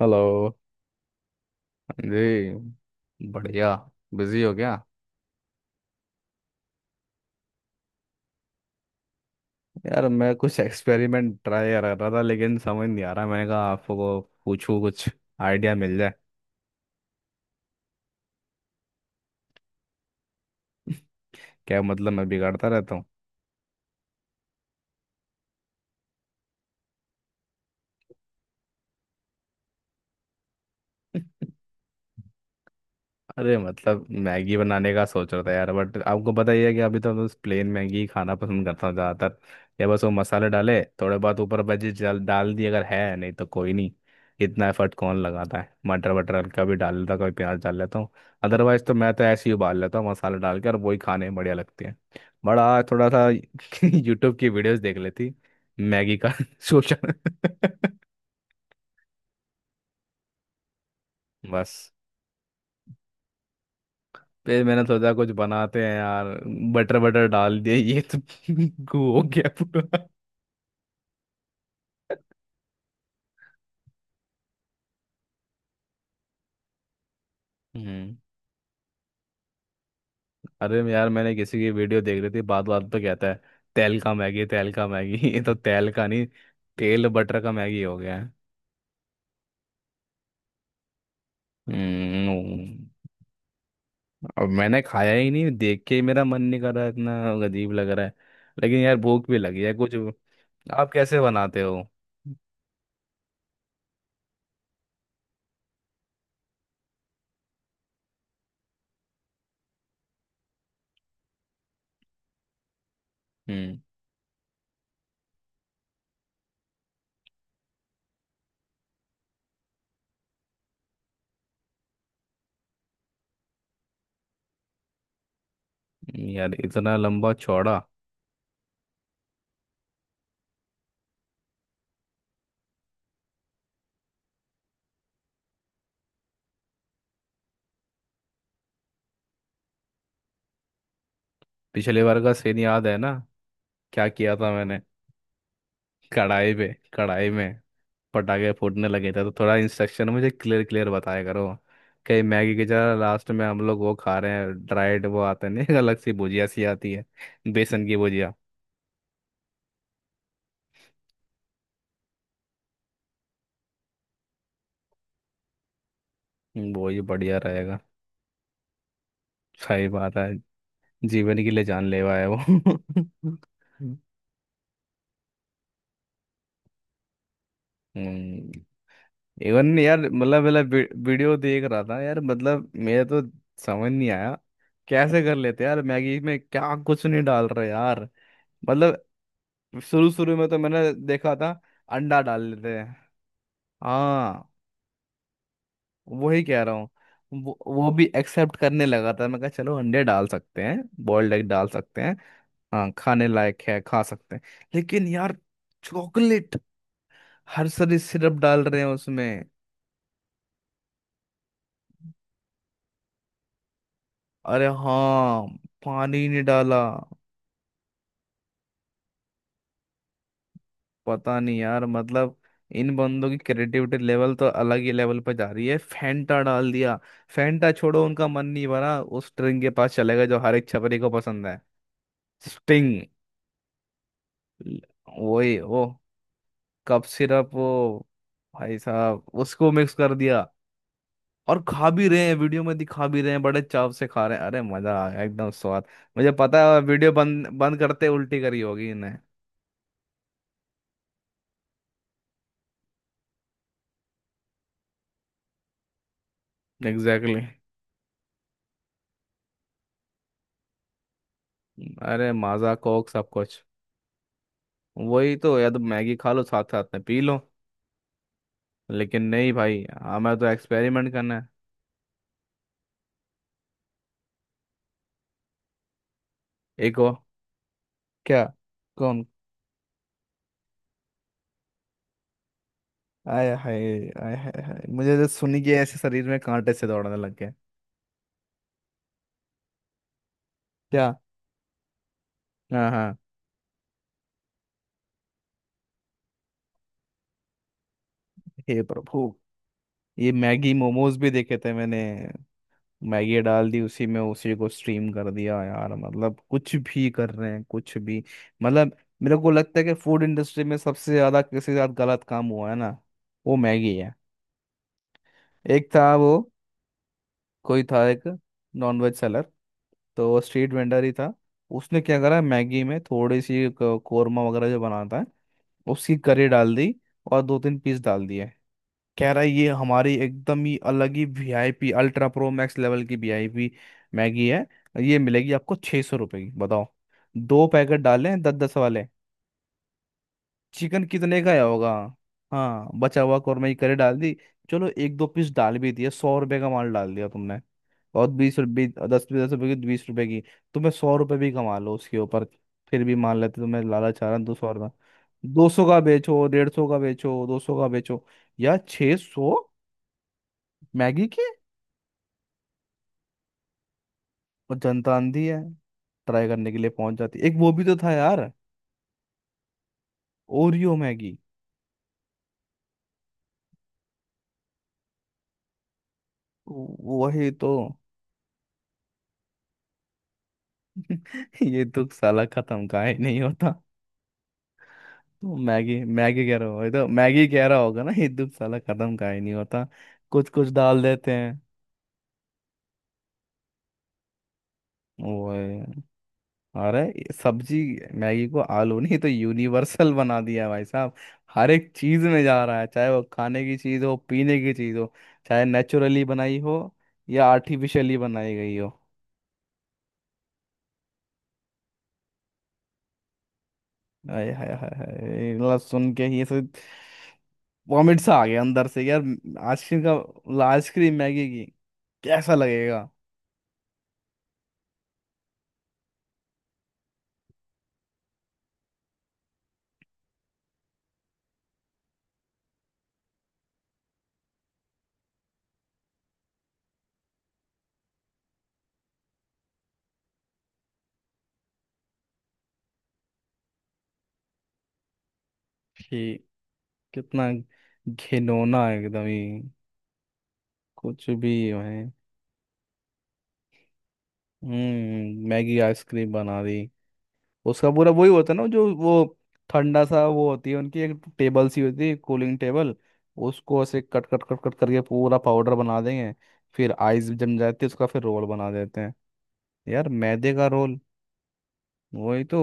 Hello. जी बढ़िया। Busy हो क्या? यार मैं कुछ एक्सपेरिमेंट ट्राई कर रहा था लेकिन समझ नहीं आ रहा। मैंने कहा आपको पूछूं कुछ आइडिया मिल जाए। क्या मतलब मैं बिगाड़ता रहता हूँ? अरे मतलब मैगी बनाने का सोच रहा था यार, बट आपको पता ही है कि अभी तो मैं बस प्लेन मैगी ही खाना पसंद करता हूँ ज़्यादातर। या बस वो मसाले डाले थोड़े बहुत ऊपर, भजी डाल डाल दी, अगर है नहीं तो कोई नहीं। इतना एफर्ट कौन लगाता है? मटर वटर हल्का भी डाल लेता हूँ, कभी प्याज डाल लेता हूँ। अदरवाइज तो मैं तो ऐसे ही उबाल लेता हूँ मसाला डाल के, और वही खाने में बढ़िया लगती है। बड़ा थोड़ा सा यूट्यूब की वीडियोस देख लेती मैगी का सोचा। बस फिर मैंने सोचा कुछ बनाते हैं यार। बटर बटर डाल दिया, ये तो गू हो गया पूरा। हम्म। यार मैंने किसी की वीडियो देख रही थी, बात बात पे कहता है तेल का मैगी, तेल का मैगी। ये तो तेल का नहीं, तेल बटर का मैगी हो गया है। हम्म। अब मैंने खाया ही नहीं, देख के ही मेरा मन नहीं कर रहा है, इतना अजीब लग रहा है। लेकिन यार भूख भी लगी है कुछ। आप कैसे बनाते हो? हम्म। यार इतना लंबा चौड़ा? पिछले बार का सीन याद है ना? क्या किया था मैंने? कढ़ाई पे, कढ़ाई में पटाखे फूटने लगे थे, तो थोड़ा इंस्ट्रक्शन मुझे क्लियर क्लियर बताया करो। कहीं मैगी की जगह लास्ट में हम लोग वो खा रहे हैं ड्राइड, वो आते नहीं अलग सी भुजिया सी आती है, बेसन की भुजिया। वो ही बढ़िया रहेगा। सही बात है। जीवन के लिए जानलेवा है वो। हम्म। इवन यार मतलब मतलब वीडियो देख रहा था यार, मतलब मेरे तो समझ नहीं आया। कैसे कर लेते यार मैगी में क्या कुछ नहीं डाल रहे यार, मतलब। शुरू शुरू में तो मैंने देखा था अंडा डाल लेते हैं। हाँ, वही कह रहा हूँ। वो भी एक्सेप्ट करने लगा था, मैं कहा चलो अंडे डाल सकते हैं, बॉइल्ड एग डाल सकते हैं। हाँ, खाने लायक है, खा सकते हैं। लेकिन यार चॉकलेट, हर सारी सिरप डाल रहे हैं उसमें। अरे हाँ, पानी नहीं डाला। पता नहीं यार, मतलब इन बंदों की क्रिएटिविटी लेवल तो अलग ही लेवल पर जा रही है, फैंटा डाल दिया। फैंटा छोड़ो, उनका मन नहीं भरा उस स्ट्रिंग के पास चले गए, जो हर एक छपरी को पसंद है। स्टिंग, वही वो कप सिरप वो, भाई साहब उसको मिक्स कर दिया। और खा भी रहे हैं, वीडियो में दिखा भी रहे हैं बड़े चाव से खा रहे हैं, अरे मजा आ गया एकदम स्वाद। मुझे पता है वीडियो बंद बंद करते उल्टी करी होगी इन्हें। Exactly exactly। अरे माजा कोक सब कुछ। वही तो, या तो मैगी खा लो, साथ साथ में पी लो। लेकिन नहीं भाई, हमें तो एक्सपेरिमेंट करना है। एक और? क्या? कौन? आय हाय हाय, मुझे तो सुनी कि ऐसे शरीर में कांटे से दौड़ने लग गए। क्या? हाँ हाँ। हे प्रभु, ये मैगी मोमोज भी देखे थे मैंने। मैगी डाल दी उसी में, उसी को स्ट्रीम कर दिया, यार मतलब कुछ भी कर रहे हैं कुछ भी। मतलब मेरे को लगता है कि फूड इंडस्ट्री में सबसे ज्यादा किसी के साथ गलत काम हुआ है ना, वो मैगी है। एक था वो, कोई था एक नॉनवेज सेलर, तो वो स्ट्रीट वेंडर ही था। उसने क्या करा, मैगी में थोड़ी सी कोरमा वगैरह जो बनाता है, उसकी करी डाल दी। और 2-3 पीस डाल दिए। कह रहा है ये हमारी एकदम ही अलग ही VIP ultra pro max level की वीआईपी मैगी है, ये मिलेगी आपको ₹600 की, बताओ। 2 पैकेट डाले हैं दस दस वाले। चिकन कितने का आया होगा? हाँ बचा हुआ कौरमा की करी डाल दी, चलो एक दो पीस डाल भी दिए, 100 रुपये का माल डाल दिया तुमने। और 20 रुपये, दस दस रुपए की, 20 रुपए की। तुम्हें 100 रुपए भी कमा लो उसके ऊपर, फिर भी मान लेते तुम्हें लालच आ रहा 200 रुपये। 200 का बेचो, 150 का बेचो, 200 का बेचो, या 600 मैगी के। और जनता आंधी है, ट्राई करने के लिए पहुंच जाती। एक वो भी तो था यार, ओरियो मैगी। वही तो। ये दुख साला खत्म का ही नहीं होता। तो मैगी मैगी कह रहा हो, ये तो मैगी कह रहा होगा ना ये दुख साला खत्म का ही नहीं होता। कुछ कुछ डाल देते हैं। ओए, अरे ये सब्जी, मैगी को आलू नहीं तो यूनिवर्सल बना दिया है भाई साहब। हर एक चीज में जा रहा है, चाहे वो खाने की चीज हो, पीने की चीज हो, चाहे नेचुरली बनाई हो या आर्टिफिशियली बनाई गई हो। हाय हाय हाय हाय, मतलब सुन के ही ऐसे वॉमिट सा आ गया अंदर से यार। आइसक्रीम का मतलब, आइसक्रीम मैगी की, कैसा लगेगा? ठीक। कितना घिनौना है एकदम ही, कुछ भी है। हम्म। मैगी आइसक्रीम बना दी, उसका पूरा वही होता है ना जो वो ठंडा सा वो होती है, उनकी एक टेबल सी होती है, कूलिंग टेबल, उसको ऐसे कट कट कट कट करके पूरा पाउडर बना देंगे, फिर आइस जम जाती है उसका फिर रोल बना देते हैं, यार मैदे का रोल। वही तो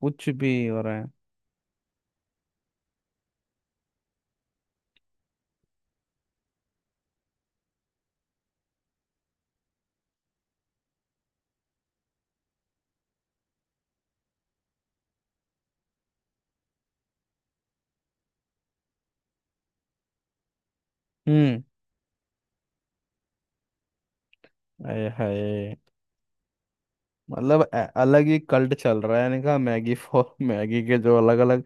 कुछ भी हो रहा है। हम्म। आए हाय, मतलब अलग ही कल्ट चल रहा है इनका मैगी फॉर मैगी के जो अलग अलग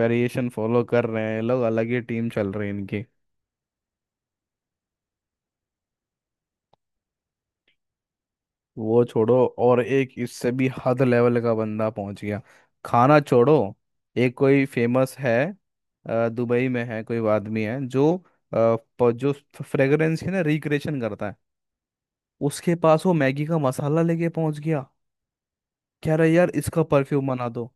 वेरिएशन फॉलो कर रहे हैं ये लोग, अलग ही टीम चल रही है इनकी। वो छोड़ो, और एक इससे भी हद लेवल का बंदा पहुंच गया। खाना छोड़ो, एक कोई फेमस है, दुबई में है कोई आदमी है जो जो फ्रेगरेंस है ना रिक्रिएशन करता है। उसके पास वो मैगी का मसाला लेके पहुंच गया, कह रहा है यार इसका परफ्यूम बना दो।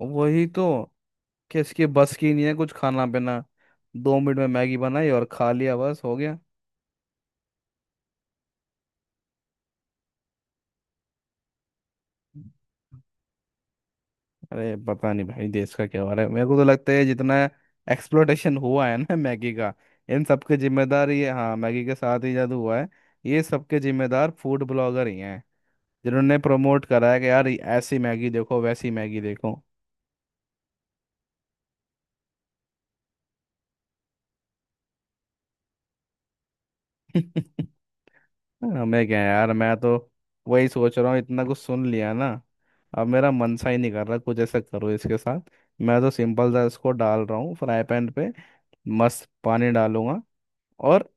वही तो, कि इसके बस की नहीं है कुछ खाना पीना, 2 मिनट में मैगी बनाई और खा लिया बस हो गया। अरे पता नहीं भाई देश का क्या हो रहा है, मेरे को तो लगता है जितना एक्सप्लोटेशन हुआ है ना मैगी का, इन सब के जिम्मेदार ये, हाँ मैगी के साथ ही जादू हुआ है। ये सबके जिम्मेदार फूड ब्लॉगर ही हैं, जिन्होंने प्रमोट करा है कि यार ऐसी मैगी देखो वैसी मैगी देखो। हमें क्या है यार, मैं तो वही सोच रहा हूँ इतना कुछ सुन लिया ना, अब मेरा मन सा ही नहीं कर रहा कुछ ऐसा करो इसके साथ। मैं तो सिंपल सा इसको डाल रहा हूँ फ्राई पैन पे, मस्त पानी डालूंगा, और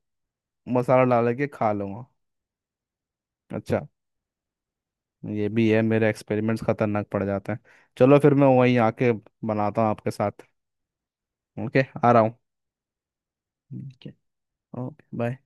मसाला डाल के खा लूंगा। अच्छा, ये भी है मेरे एक्सपेरिमेंट्स खतरनाक पड़ जाते हैं। चलो फिर मैं वहीं आके बनाता हूँ आपके साथ, ओके आ रहा हूँ। ठीक है, ओके बाय।